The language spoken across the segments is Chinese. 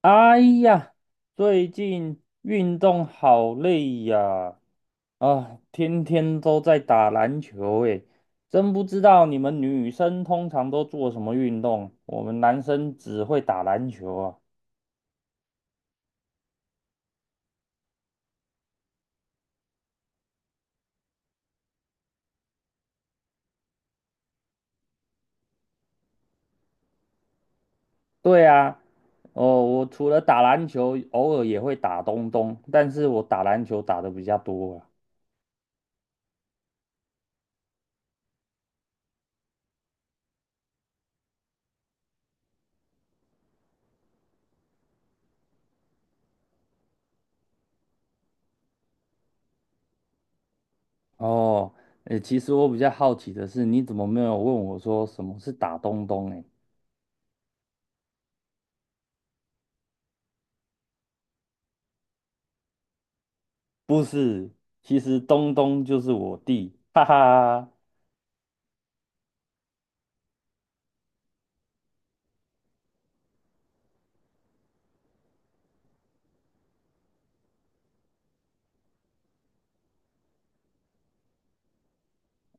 哎呀，最近运动好累呀！啊，天天都在打篮球，诶，真不知道你们女生通常都做什么运动，我们男生只会打篮球啊。对啊，哦，我除了打篮球，偶尔也会打东东，但是我打篮球打的比较多啊。哦，诶，其实我比较好奇的是，你怎么没有问我说什么是打东东？不是，其实东东就是我弟，哈哈。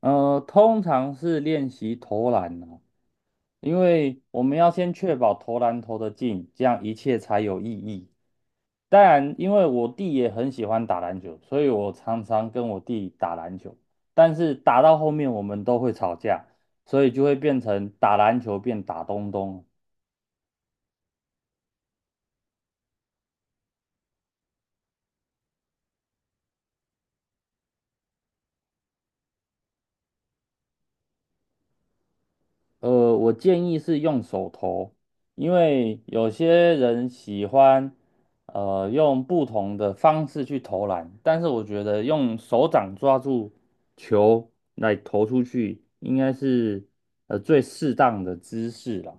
通常是练习投篮啊，因为我们要先确保投篮投得进，这样一切才有意义。当然，因为我弟也很喜欢打篮球，所以我常常跟我弟打篮球。但是打到后面我们都会吵架，所以就会变成打篮球变打东东。呃，我建议是用手投，因为有些人喜欢用不同的方式去投篮，但是我觉得用手掌抓住球来投出去，应该是最适当的姿势啦。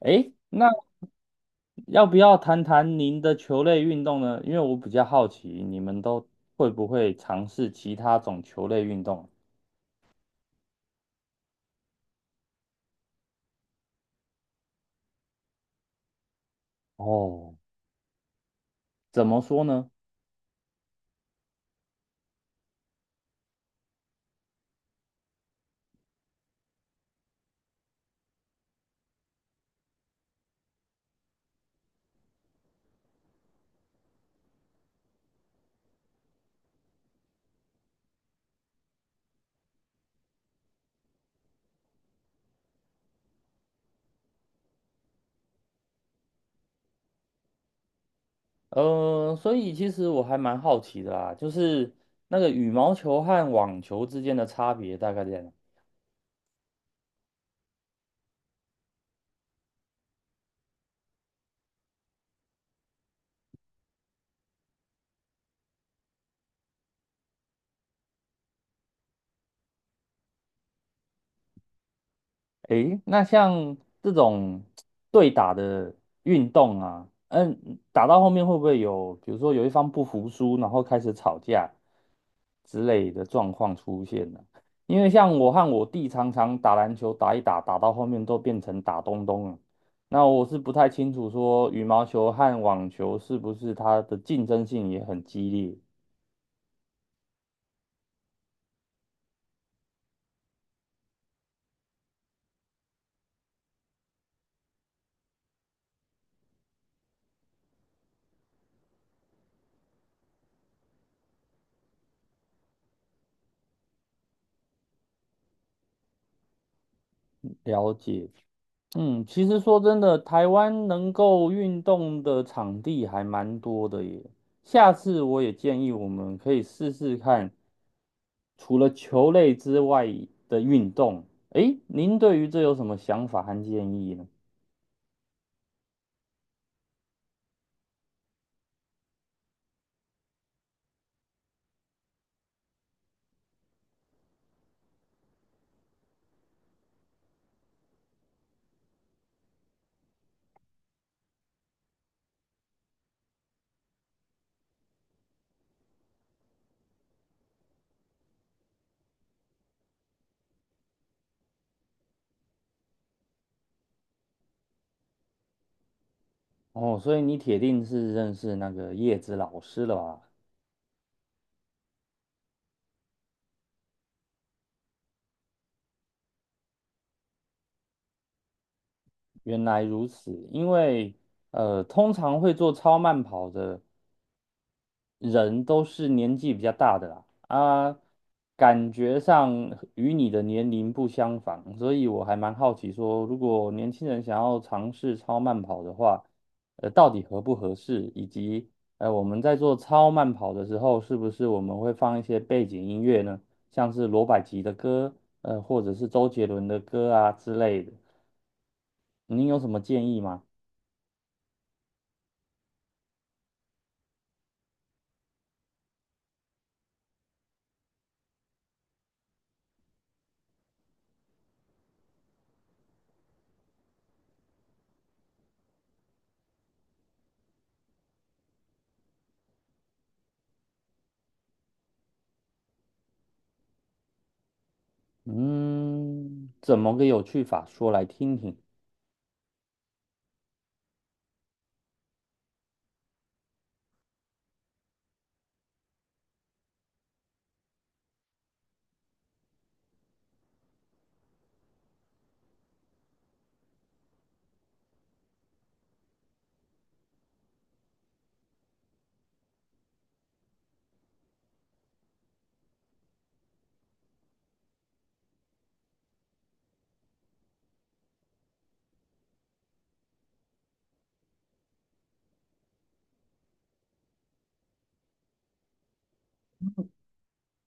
诶，那要不要谈谈您的球类运动呢？因为我比较好奇，你们都会不会尝试其他种球类运动？哦，怎么说呢？所以其实我还蛮好奇的啦，就是那个羽毛球和网球之间的差别大概在哪？诶，那像这种对打的运动啊，嗯，打到后面会不会有，比如说有一方不服输，然后开始吵架之类的状况出现呢？因为像我和我弟常常打篮球，打一打，打到后面都变成打东东了。那我是不太清楚说羽毛球和网球是不是它的竞争性也很激烈，了解。嗯，其实说真的，台湾能够运动的场地还蛮多的耶。下次我也建议我们可以试试看，除了球类之外的运动。诶，您对于这有什么想法和建议呢？哦，所以你铁定是认识那个叶子老师了吧？原来如此，因为通常会做超慢跑的。人都是年纪比较大的啦，啊，感觉上与你的年龄不相仿，所以我还蛮好奇说，如果年轻人想要尝试超慢跑的话，到底合不合适，以及我们在做超慢跑的时候，是不是我们会放一些背景音乐呢？像是罗百吉的歌，或者是周杰伦的歌啊之类的，您有什么建议吗？嗯，怎么个有趣法，说来听听。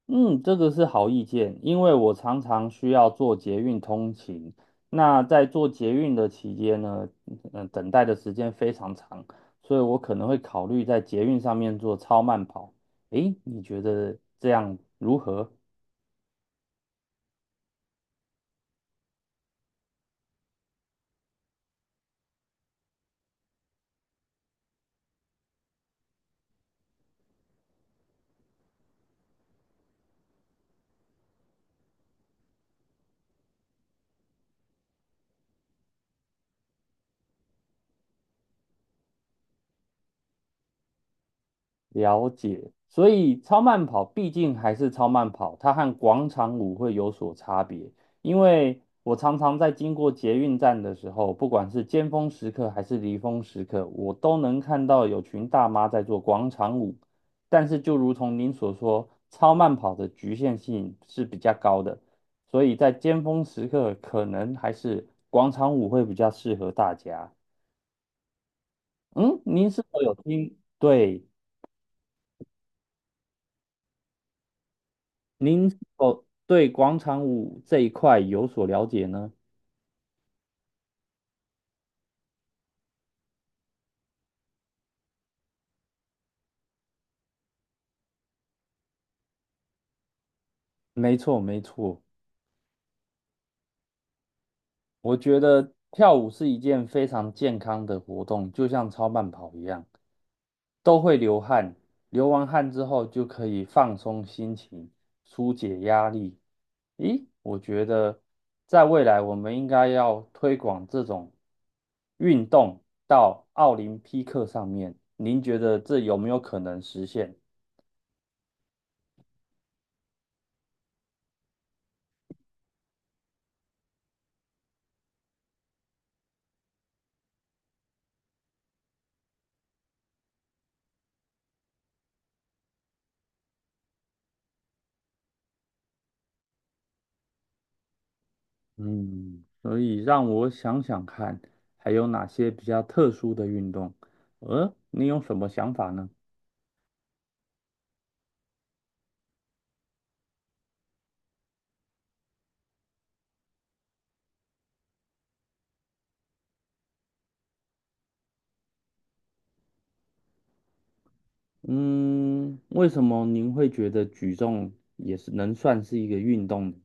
嗯，这个是好意见，因为我常常需要做捷运通勤。那在做捷运的期间呢，嗯、等待的时间非常长，所以我可能会考虑在捷运上面做超慢跑。诶，你觉得这样如何？了解，所以超慢跑毕竟还是超慢跑，它和广场舞会有所差别。因为我常常在经过捷运站的时候，不管是尖峰时刻还是离峰时刻，我都能看到有群大妈在做广场舞。但是就如同您所说，超慢跑的局限性是比较高的，所以在尖峰时刻可能还是广场舞会比较适合大家。嗯，您是否有听？对。您是否对广场舞这一块有所了解呢？没错，没错，我觉得跳舞是一件非常健康的活动，就像超慢跑一样，都会流汗，流完汗之后就可以放松心情，疏解压力。咦，我觉得在未来我们应该要推广这种运动到奥林匹克上面，您觉得这有没有可能实现？嗯，所以让我想想看，还有哪些比较特殊的运动？你有什么想法呢？嗯，为什么您会觉得举重也是能算是一个运动呢？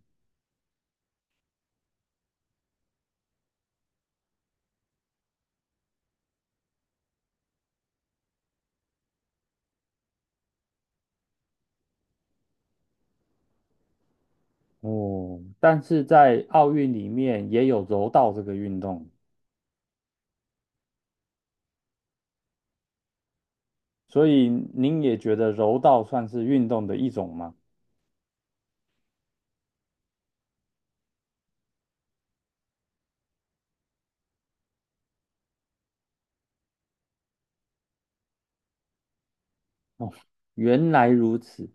哦，但是在奥运里面也有柔道这个运动，所以您也觉得柔道算是运动的一种吗？原来如此，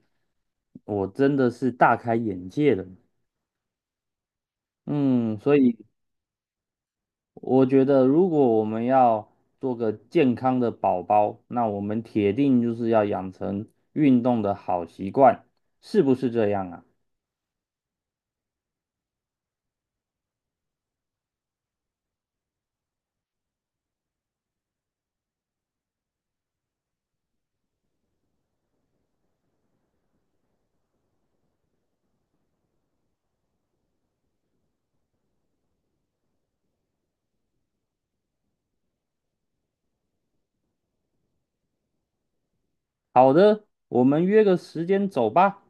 我真的是大开眼界了。嗯，所以我觉得，如果我们要做个健康的宝宝，那我们铁定就是要养成运动的好习惯，是不是这样啊？好的，我们约个时间走吧。